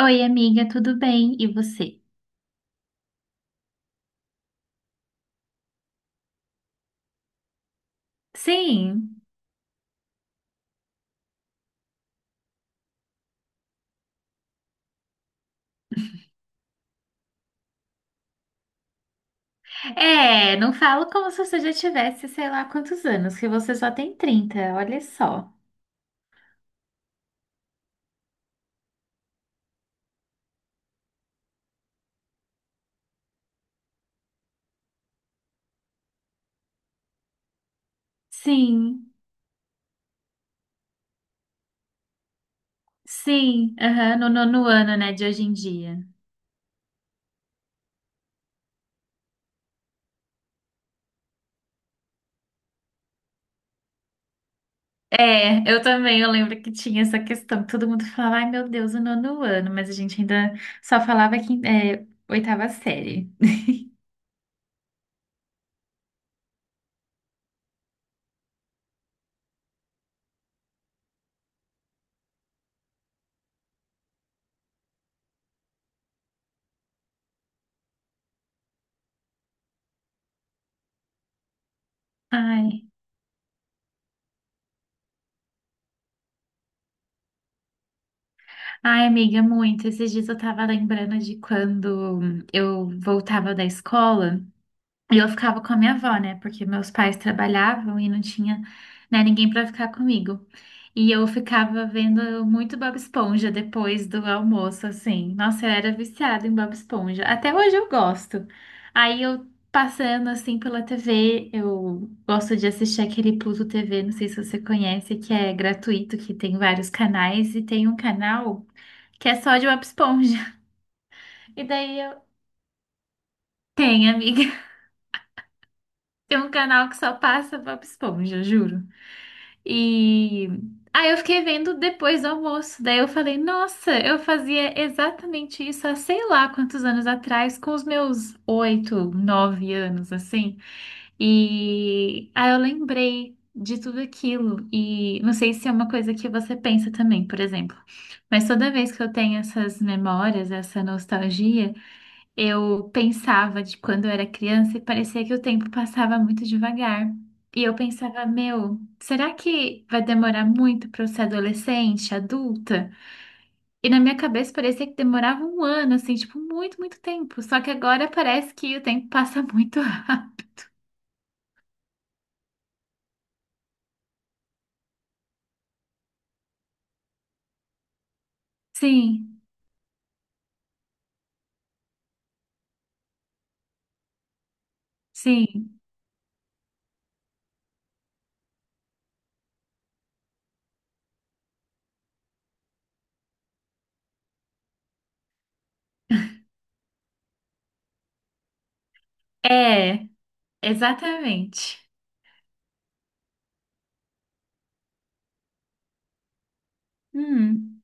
Oi, amiga, tudo bem? E você? Sim. É, não falo como se você já tivesse, sei lá quantos anos, que você só tem 30, olha só. Sim. Sim, aham, no nono ano, né, de hoje em dia. É, eu também, eu lembro que tinha essa questão, todo mundo falava, ai meu Deus, o nono ano, mas a gente ainda só falava que é, oitava série. Ai, ai, amiga, muito. Esses dias eu tava lembrando de quando eu voltava da escola. E eu ficava com a minha avó, né? Porque meus pais trabalhavam e não tinha, né, ninguém para ficar comigo. E eu ficava vendo muito Bob Esponja depois do almoço, assim. Nossa, eu era viciada em Bob Esponja. Até hoje eu gosto. Aí eu passando assim pela TV, eu gosto de assistir aquele Pluto TV, não sei se você conhece, que é gratuito, que tem vários canais e tem um canal que é só de Bob Esponja. E daí eu tenho, amiga. Tem um canal que só passa Bob Esponja, eu juro. E aí eu fiquei vendo depois do almoço. Daí eu falei, nossa, eu fazia exatamente isso há sei lá quantos anos atrás, com os meus oito, nove anos, assim. E aí eu lembrei de tudo aquilo. E não sei se é uma coisa que você pensa também, por exemplo. Mas toda vez que eu tenho essas memórias, essa nostalgia. Eu pensava de quando eu era criança e parecia que o tempo passava muito devagar. E eu pensava, meu, será que vai demorar muito para eu ser adolescente, adulta? E na minha cabeça parecia que demorava um ano, assim, tipo, muito, muito tempo. Só que agora parece que o tempo passa muito rápido. Sim, sim. É, exatamente. Hum,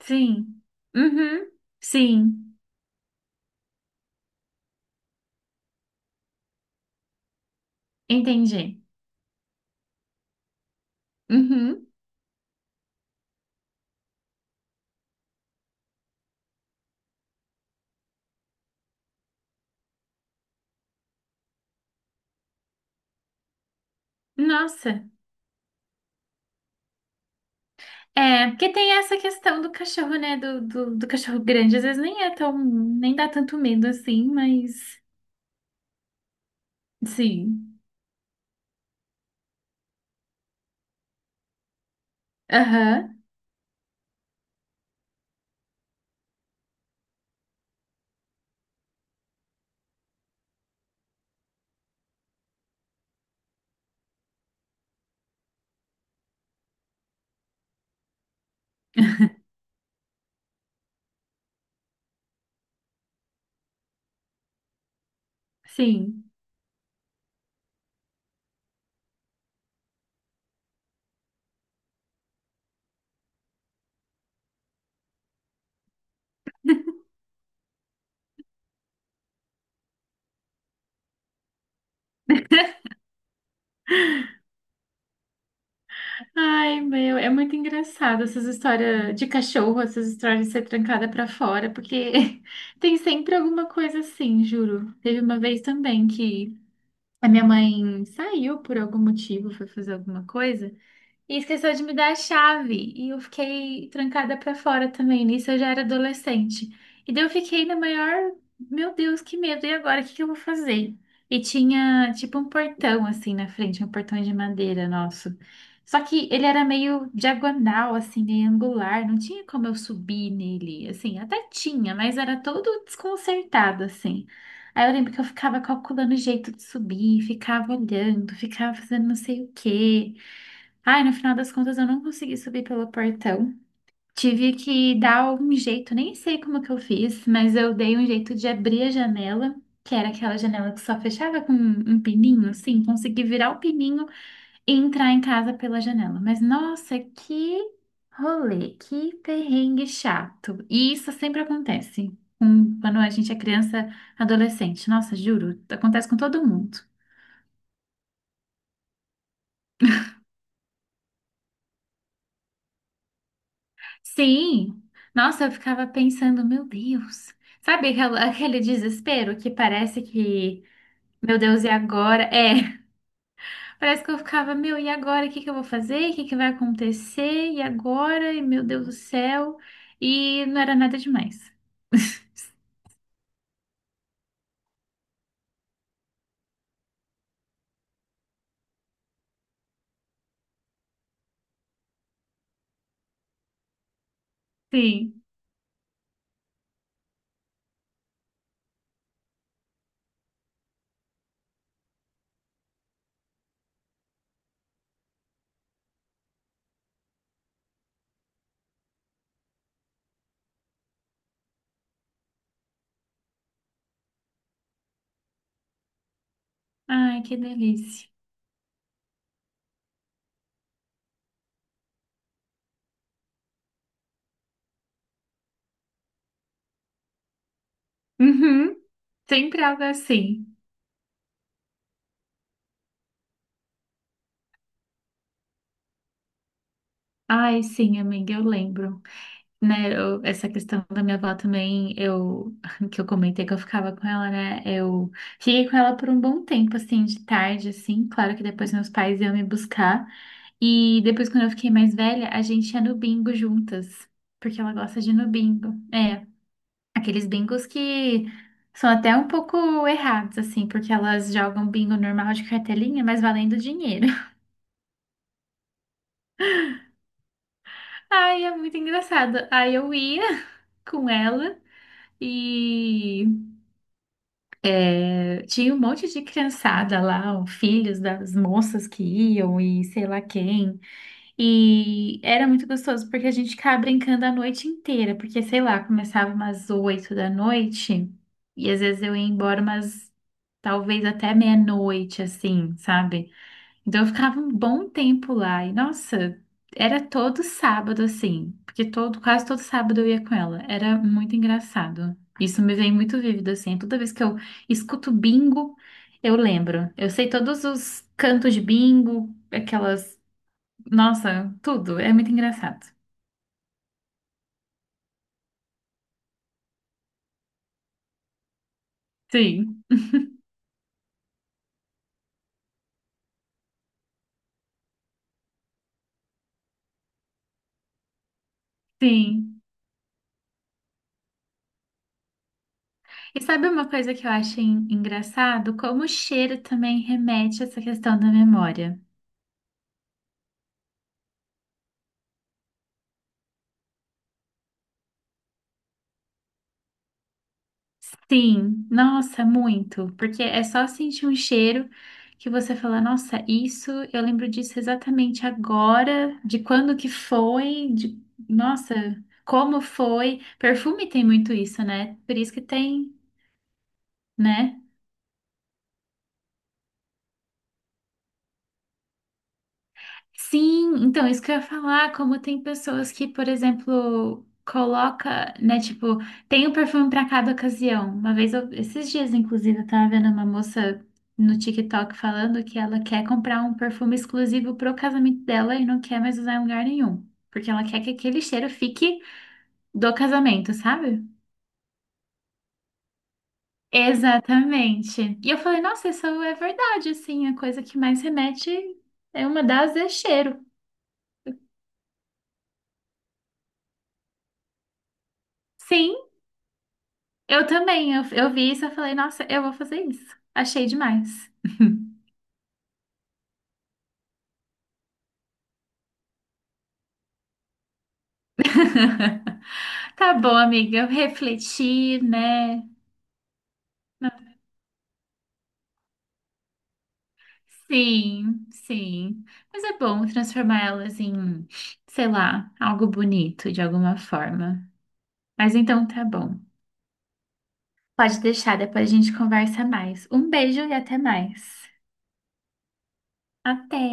sim. Uhum, sim. Entendi. Uhum. Nossa. É, porque tem essa questão do cachorro, né? Do cachorro grande. Às vezes nem é tão. Nem dá tanto medo assim, mas. Sim. Aham. Sim. Ai, meu. É muito engraçado essas histórias de cachorro, essas histórias de ser trancada pra fora, porque tem sempre alguma coisa assim, juro. Teve uma vez também que a minha mãe saiu por algum motivo, foi fazer alguma coisa. E esqueceu de me dar a chave. E eu fiquei trancada pra fora também. Nisso eu já era adolescente. E daí eu fiquei na maior. Meu Deus, que medo! E agora? O que que eu vou fazer? E tinha tipo um portão assim na frente, um portão de madeira nosso. Só que ele era meio diagonal, assim, meio angular. Não tinha como eu subir nele. Assim, até tinha, mas era todo desconcertado, assim. Aí eu lembro que eu ficava calculando o jeito de subir, ficava olhando, ficava fazendo não sei o quê. Ai, no final das contas, eu não consegui subir pelo portão. Tive que dar um jeito, nem sei como que eu fiz, mas eu dei um jeito de abrir a janela, que era aquela janela que só fechava com um pininho, sim, consegui virar o pininho e entrar em casa pela janela. Mas nossa, que rolê, que perrengue chato. E isso sempre acontece quando a gente é criança, adolescente. Nossa, juro, acontece com todo mundo. Sim, nossa, eu ficava pensando, meu Deus, aquele desespero que parece que, meu Deus, e agora? É, parece que eu ficava, meu, e agora? O que que eu vou fazer? O que que vai acontecer? E agora? E meu Deus do céu, e não era nada demais. Sim, ai, que delícia. Uhum, sempre algo assim. Ai, sim, amiga, eu lembro. Né, essa questão da minha avó também, eu, que eu comentei que eu ficava com ela, né, eu fiquei com ela por um bom tempo, assim, de tarde, assim, claro que depois meus pais iam me buscar, e depois quando eu fiquei mais velha, a gente ia no bingo juntas, porque ela gosta de ir no bingo, é, aqueles bingos que são até um pouco errados, assim, porque elas jogam bingo normal de cartelinha, mas valendo dinheiro. Ai, é muito engraçado, aí eu ia com ela, e tinha um monte de criançada lá, ó, filhos das moças que iam e sei lá quem. E era muito gostoso porque a gente ficava brincando a noite inteira, porque sei lá, começava umas oito da noite e às vezes eu ia embora umas talvez até meia-noite, assim, sabe? Então eu ficava um bom tempo lá e nossa, era todo sábado assim, porque todo quase todo sábado eu ia com ela. Era muito engraçado. Isso me vem muito vívido assim. Toda vez que eu escuto bingo, eu lembro. Eu sei todos os cantos de bingo, aquelas, nossa, tudo. É muito engraçado. Sim, sim. E sabe uma coisa que eu acho engraçado? Como o cheiro também remete a essa questão da memória. Sim, nossa, muito. Porque é só sentir um cheiro que você fala, nossa, isso, eu lembro disso exatamente agora, de quando que foi, de, nossa, como foi. Perfume tem muito isso, né? Por isso que tem, né? Sim, então isso que eu ia falar, como tem pessoas que, por exemplo, coloca, né, tipo, tem um perfume para cada ocasião. Uma vez, esses dias, inclusive, eu tava vendo uma moça no TikTok falando que ela quer comprar um perfume exclusivo pro casamento dela e não quer mais usar em lugar nenhum, porque ela quer que aquele cheiro fique do casamento, sabe? Exatamente. E eu falei, nossa, isso é verdade, assim, a coisa que mais remete é uma das é cheiro. Sim. Eu também, eu vi isso, eu falei, nossa, eu vou fazer isso. Achei demais. Tá bom, amiga, eu refleti, né? Sim, sim. Mas é bom transformá-las em, sei lá, algo bonito de alguma forma. Mas então tá bom. Pode deixar, depois a gente conversa mais. Um beijo e até mais. Até!